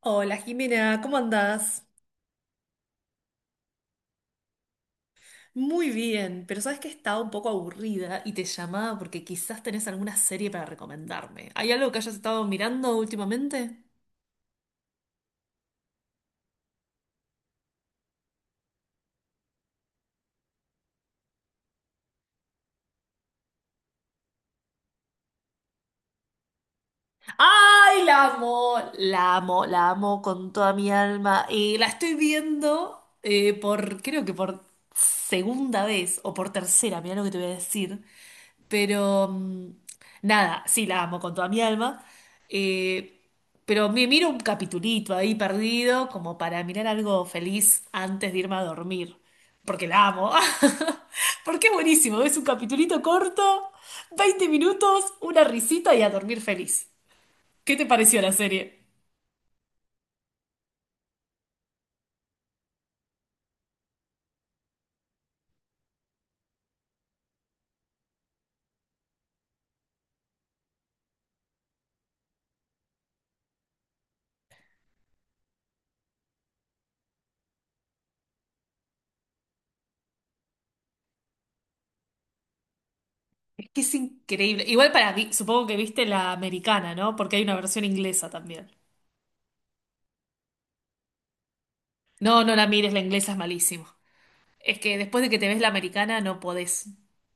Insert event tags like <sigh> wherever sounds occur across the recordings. Hola Jimena, ¿cómo andás? Muy bien, pero sabes que estaba un poco aburrida y te llamaba porque quizás tenés alguna serie para recomendarme. ¿Hay algo que hayas estado mirando últimamente? ¡Ay, la amo! La amo, la amo con toda mi alma. La estoy viendo creo que por segunda vez o por tercera, mira lo que te voy a decir. Pero nada, sí, la amo con toda mi alma. Eh, pero me miro un capitulito ahí perdido como para mirar algo feliz antes de irme a dormir. Porque la amo. <laughs> Porque es buenísimo. Es un capitulito corto, 20 minutos, una risita y a dormir feliz. ¿Qué te pareció la serie? Es que es increíble. Igual para mí, supongo que viste la americana, ¿no? Porque hay una versión inglesa también. No, no la mires, la inglesa es malísimo. Es que después de que te ves la americana no podés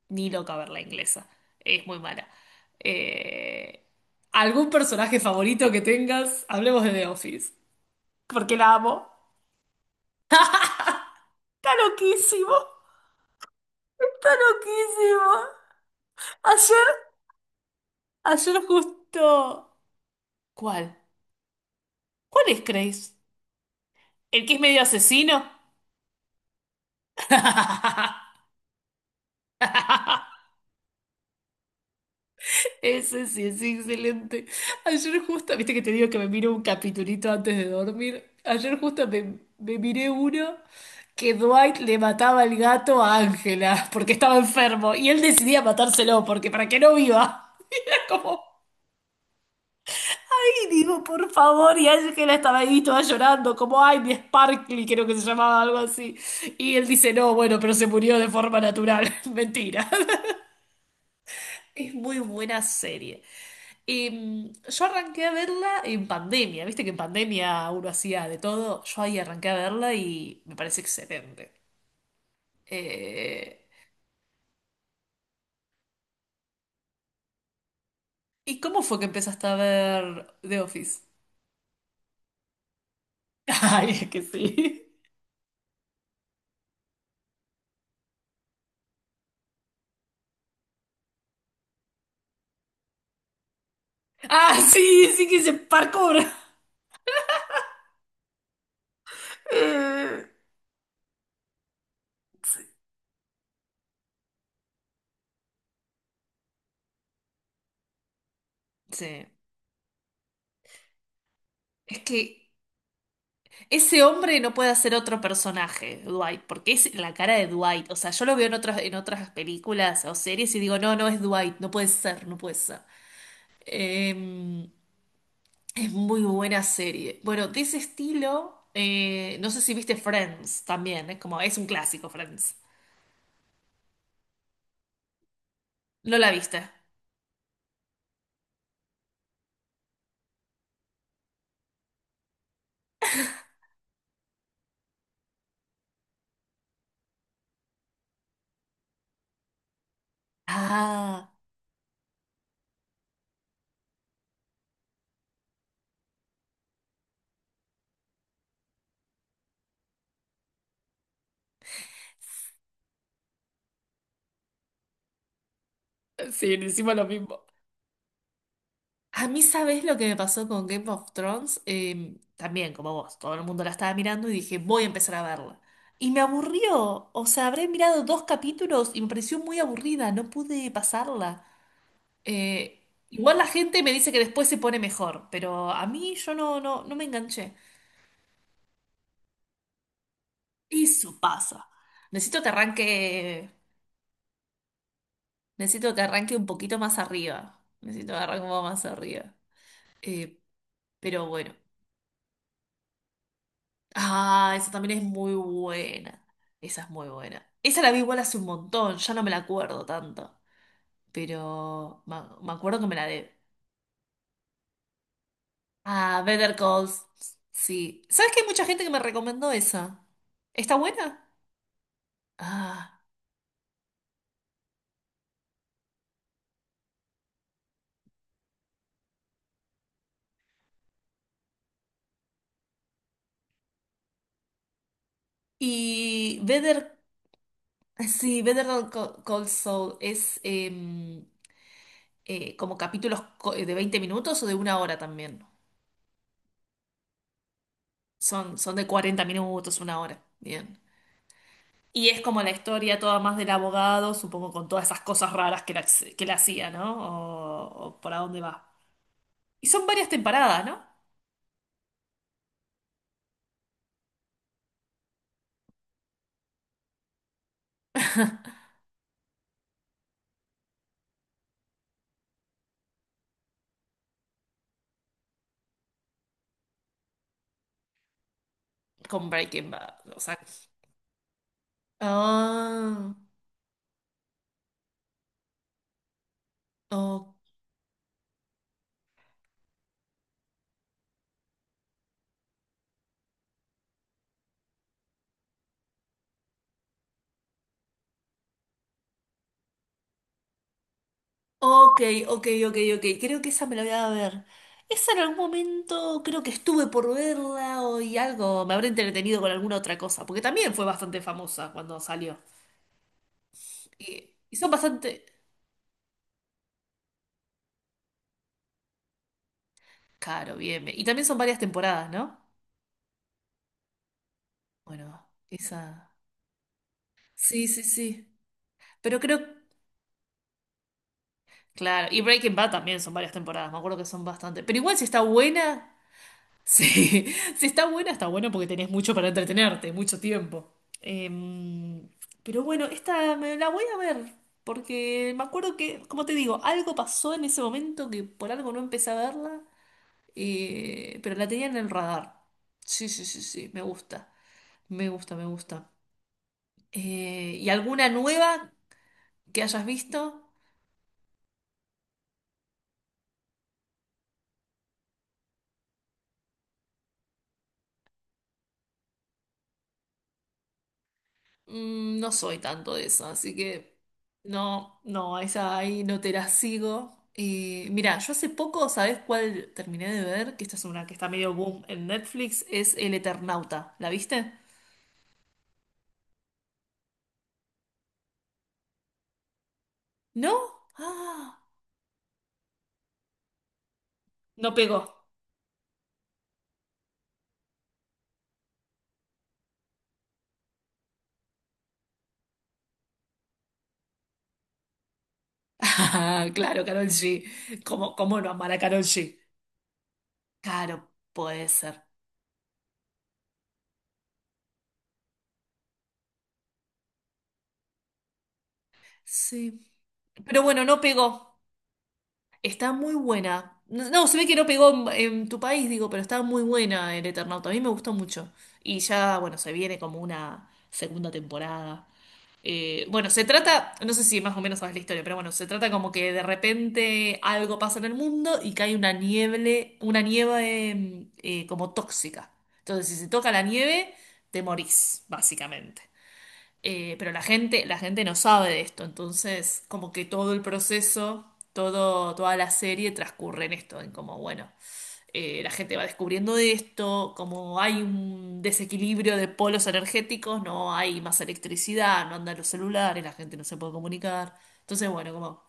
ni loca ver la inglesa. Es muy mala. Eh, ¿Algún personaje favorito que tengas? Hablemos de The Office. Porque la amo. Está loquísimo. Está loquísimo. Ayer, ayer justo... ¿Cuál? ¿Cuál es Grace? ¿El que es medio asesino? <laughs> Ese sí es excelente. Ayer justo, viste que te digo que me miro un capitulito antes de dormir. Ayer justo me miré uno que Dwight le mataba el gato a Ángela porque estaba enfermo y él decidía matárselo porque para que no viva. <laughs> Como, ay, digo, por favor, y Ángela estaba ahí toda llorando, como, ay, mi Sparkly, creo que se llamaba algo así. Y él dice, no, bueno, pero se murió de forma natural. <laughs> Mentira. Es muy buena serie. Yo arranqué a verla en pandemia, viste que en pandemia uno hacía de todo, yo ahí arranqué a verla y me parece excelente. Eh, ¿Y cómo fue que empezaste a ver The Office? <laughs> Ay, es que sí. Ah, sí, sí que hice parkour. <laughs> Eh, sí. Sí. Es que ese hombre no puede hacer otro personaje, Dwight, porque es la cara de Dwight. O sea, yo lo veo en otras, películas o series y digo, no, no es Dwight, no puede ser, no puede ser. Eh, es muy buena serie. Bueno, de ese estilo, no sé si viste Friends también, es como, es un clásico Friends. ¿No la viste? Ah, sí, encima lo mismo. A mí, ¿sabes lo que me pasó con Game of Thrones? También, como vos, todo el mundo la estaba mirando y dije, voy a empezar a verla. Y me aburrió, o sea, habré mirado dos capítulos y me pareció muy aburrida, no pude pasarla. Igual la gente me dice que después se pone mejor, pero a mí yo no, no, no me enganché. Eso pasa. Necesito que arranque, necesito que arranque un poquito más arriba. Necesito que arranque un poco más arriba. Eh, pero bueno. Ah, esa también es muy buena. Esa es muy buena. Esa la vi igual hace un montón, ya no me la acuerdo tanto. Pero me acuerdo que me la debe. Ah, Better Calls. Sí. ¿Sabes que hay mucha gente que me recomendó esa? ¿Está buena? Ah. Y Better. Sí, Better Call Saul es como capítulos de 20 minutos o de una hora también. Son de 40 minutos, una hora. Bien. Y es como la historia toda más del abogado, supongo con todas esas cosas raras que la, hacía, ¿no? O por a dónde va. Y son varias temporadas, ¿no? Con Breaking Bad, o sea. Ah, o- ok, ok, ok, ok. Creo que esa me la voy a ver. Esa en algún momento creo que estuve por verla o y algo, me habré entretenido con alguna otra cosa, porque también fue bastante famosa cuando salió. Y son bastante... Claro, bien, bien. Y también son varias temporadas, ¿no? Bueno, esa... Sí, sí, sí. Pero creo, claro, y Breaking Bad también son varias temporadas, me acuerdo que son bastante. Pero igual si está buena, sí, <laughs> si está buena, está buena porque tenés mucho para entretenerte, mucho tiempo. Em, pero bueno, esta me la voy a ver, porque me acuerdo que, como te digo, algo pasó en ese momento que por algo no empecé a verla, pero la tenía en el radar. Sí, sí, sí, sí, me gusta, me gusta, me gusta. ¿Y alguna nueva que hayas visto? No soy tanto de eso, así que no, no, esa ahí no te la sigo. Y mira, yo hace poco, ¿sabes cuál terminé de ver? Que esta es una que está medio boom en Netflix, es El Eternauta. ¿La viste? ¿No? Ah, no pegó. <laughs> Ah, claro, Karol G. ¿Cómo no amar a Karol G? Claro, puede ser. Sí. Pero bueno, no pegó. Está muy buena. No, no, se ve que no pegó en, tu país, digo, pero está muy buena el Eternauta. A mí me gustó mucho. Y ya, bueno, se viene como una segunda temporada. Bueno, se trata, no sé si más o menos sabes la historia, pero bueno, se trata como que de repente algo pasa en el mundo y cae una nieve como tóxica. Entonces, si se toca la nieve, te morís, básicamente. Pero la gente no sabe de esto, entonces como que todo el proceso, toda la serie transcurre en esto, en como, bueno, la gente va descubriendo de esto, como hay un desequilibrio de polos energéticos, no hay más electricidad, no andan los celulares, la gente no se puede comunicar. Entonces, bueno, como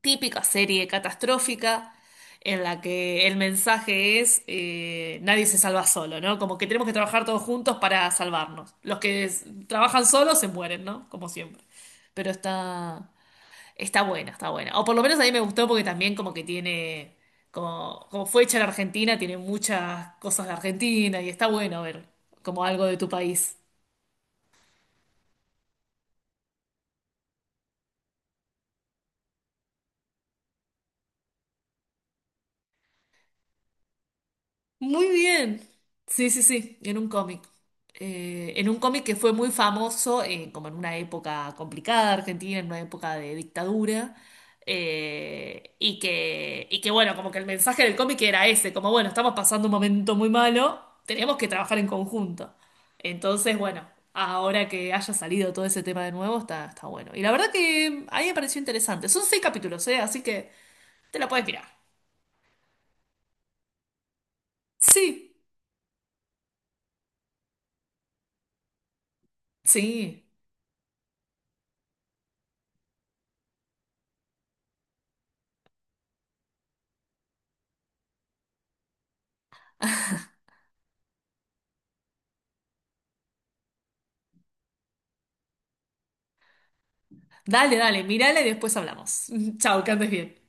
típica serie catastrófica en la que el mensaje es nadie se salva solo, ¿no? Como que tenemos que trabajar todos juntos para salvarnos. Los que trabajan solos se mueren, ¿no? Como siempre. Pero está buena, está buena. O por lo menos a mí me gustó porque también como que tiene, como fue hecha en Argentina, tiene muchas cosas de Argentina y está bueno ver como algo de tu país. Muy bien. Sí, sí, sí, en un cómic. En un cómic que fue muy famoso, como en una época complicada de Argentina, en una época de dictadura, y que bueno, como que el mensaje del cómic era ese, como bueno, estamos pasando un momento muy malo, tenemos que trabajar en conjunto. Entonces, bueno, ahora que haya salido todo ese tema de nuevo, está, está bueno. Y la verdad que ahí me pareció interesante. Son seis capítulos, ¿eh? Así que te la puedes mirar. Sí, sí. Dale, dale, mírala y después hablamos. <laughs> Chao, que andes bien.